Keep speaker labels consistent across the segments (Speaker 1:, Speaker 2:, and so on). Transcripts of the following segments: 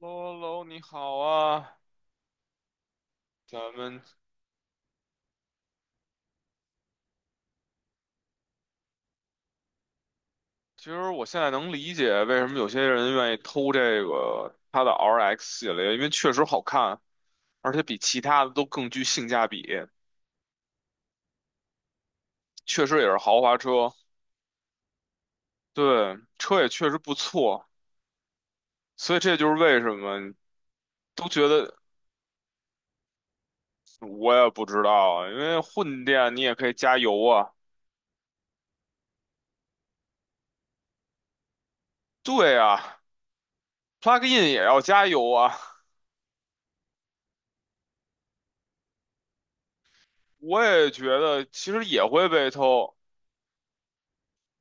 Speaker 1: 喽喽，你好啊，咱们其实我现在能理解为什么有些人愿意偷这个它的 RX 系列，因为确实好看，而且比其他的都更具性价比，确实也是豪华车。对，车也确实不错。所以这就是为什么都觉得我也不知道啊，因为混电你也可以加油啊。对啊，plug in 也要加油啊。我也觉得其实也会被偷。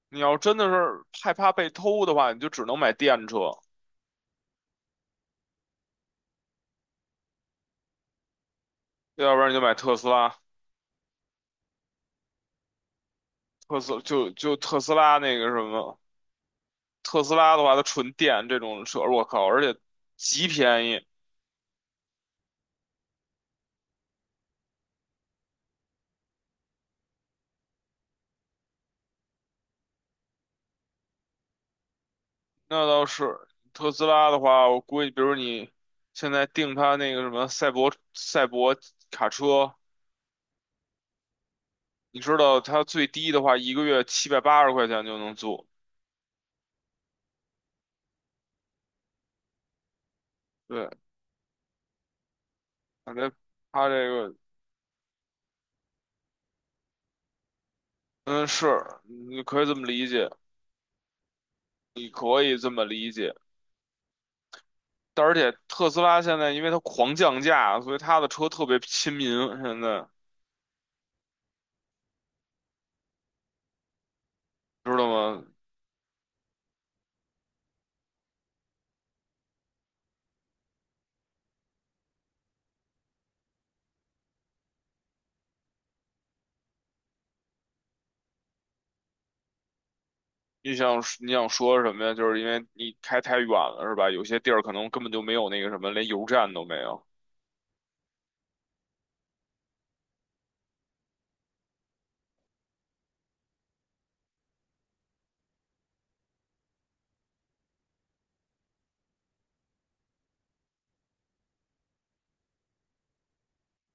Speaker 1: 你要真的是害怕被偷的话，你就只能买电车，要不然你就买特斯拉。特斯拉那个什么，特斯拉的话，它纯电这种车，我靠，而且极便宜。那倒是，特斯拉的话，我估计，比如你现在订它那个什么赛博卡车，你知道它最低的话，一个月780块钱就能租。对，反正它这个，嗯，是，你可以这么理解，你可以这么理解。但而且特斯拉现在因为它狂降价，所以它的车特别亲民。现在知道吗？你想你想说什么呀？就是因为你开太远了，是吧？有些地儿可能根本就没有那个什么，连油站都没有。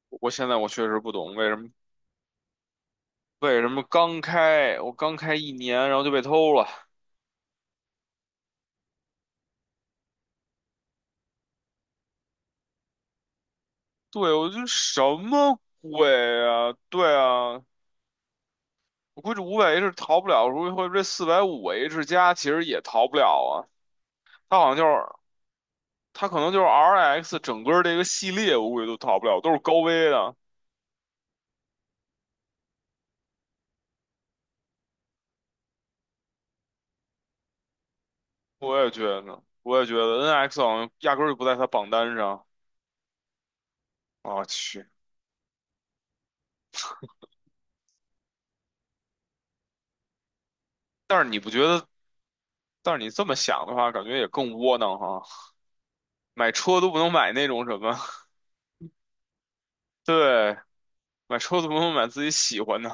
Speaker 1: 我现在我确实不懂为什么我刚开一年，然后就被偷了。对，我就什么鬼啊？对啊，我估计五百 H 逃不了，如果或者这四百五 H 加其实也逃不了啊。它好像就是它可能就是 RX 整个这个系列，我估计都逃不了，都是高危的。我也觉得 NX 好像压根儿就不在它榜单上。我去，但是你不觉得？但是你这么想的话，感觉也更窝囊哈。买车都不能买那种什么，对，买车都不能买自己喜欢的。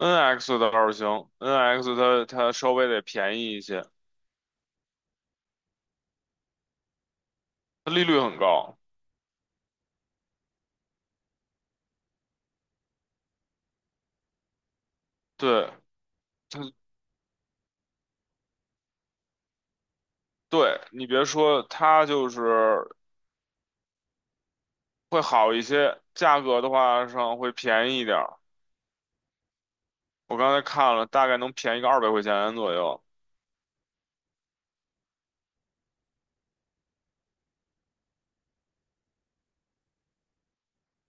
Speaker 1: NX 倒是行，NX 它稍微得便宜一些，它利率很高。对，它对你别说，它就是会好一些，价格的话上会便宜一点儿。我刚才看了，大概能便宜个200块钱左右。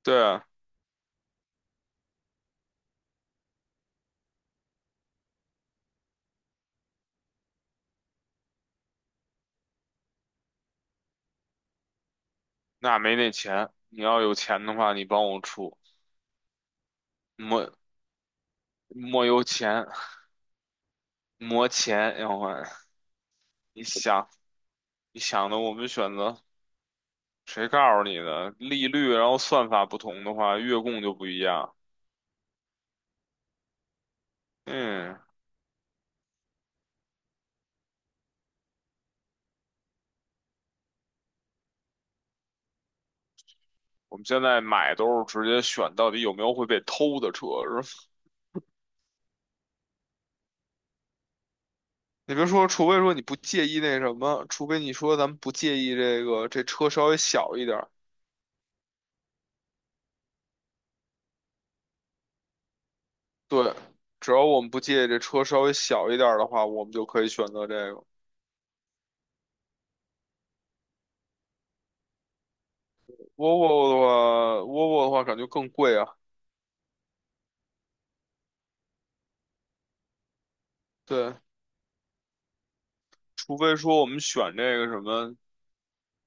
Speaker 1: 对啊，那没那钱，你要有钱的话，你帮我出，没没有钱，没钱，要换。你想，你想的我们选择，谁告诉你的？利率，然后算法不同的话，月供就不一样。嗯，我们现在买都是直接选到底有没有会被偷的车。你别说，除非说你不介意那什么，除非你说咱们不介意这个这车稍微小一点儿。对，只要我们不介意这车稍微小一点儿的话，我们就可以选择这个。Volvo 的话感觉更贵啊。对，除非说我们选这个什么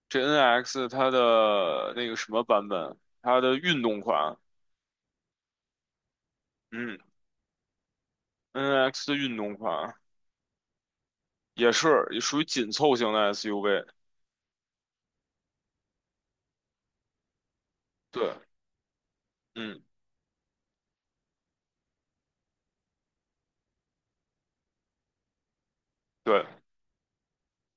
Speaker 1: 这 n x 它的那个什么版本，它的运动款。嗯，NX 的运动款也属于紧凑型的 SUV。对，嗯，对。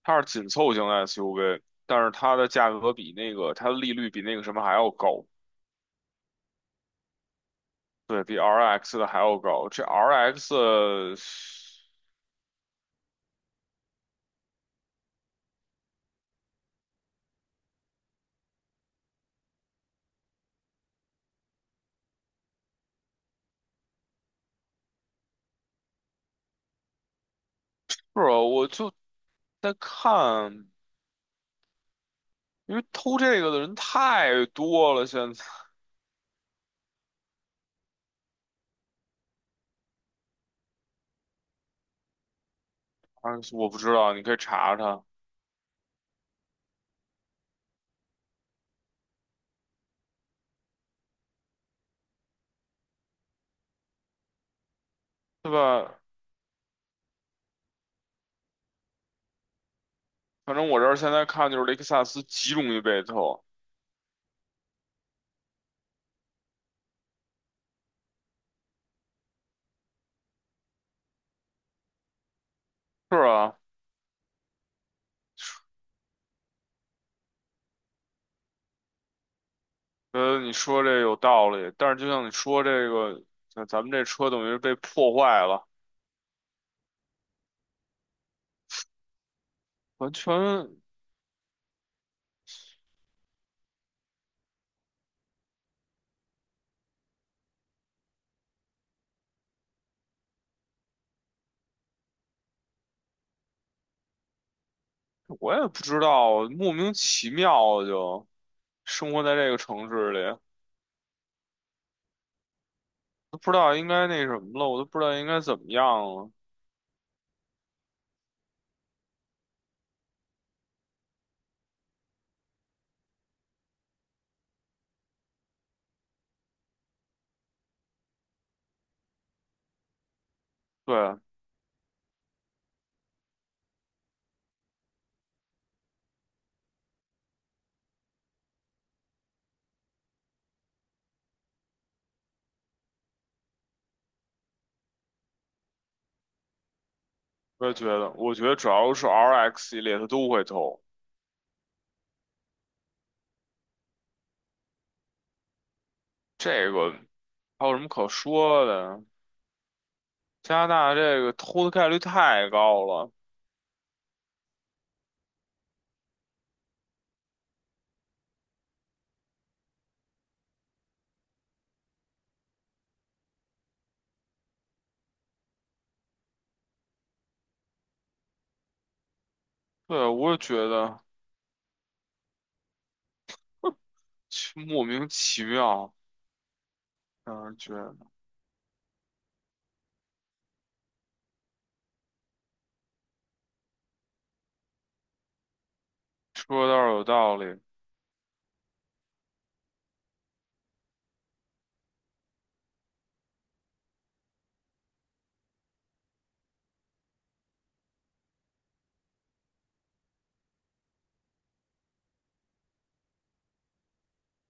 Speaker 1: 它是紧凑型 SUV，但是它的价格比那个它的利率比那个什么还要高。对，比 RX 的还要高。这 RX 是啊，我就在看，因为偷这个的人太多了，现在 R X 我不知道，你可以查查，对吧？反正我这儿现在看就是雷克萨斯极容易被偷，是啊，你说这有道理，但是就像你说这个，咱们这车等于是被破坏了，完全。我也不知道，莫名其妙就生活在这个城市里，都不知道应该那什么了，我都不知道应该怎么样了。对，我也觉得，我觉得只要是 RX 系列，它都会偷。这个还有什么可说的？加拿大这个偷的概率太高了。对，我也觉得莫名其妙，让人觉得说的倒是有道理，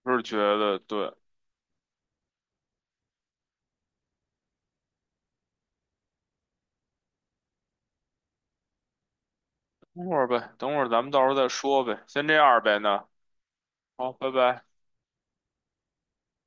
Speaker 1: 就是觉得对。等会儿呗，等会儿咱们到时候再说呗，先这样呗那好，拜拜。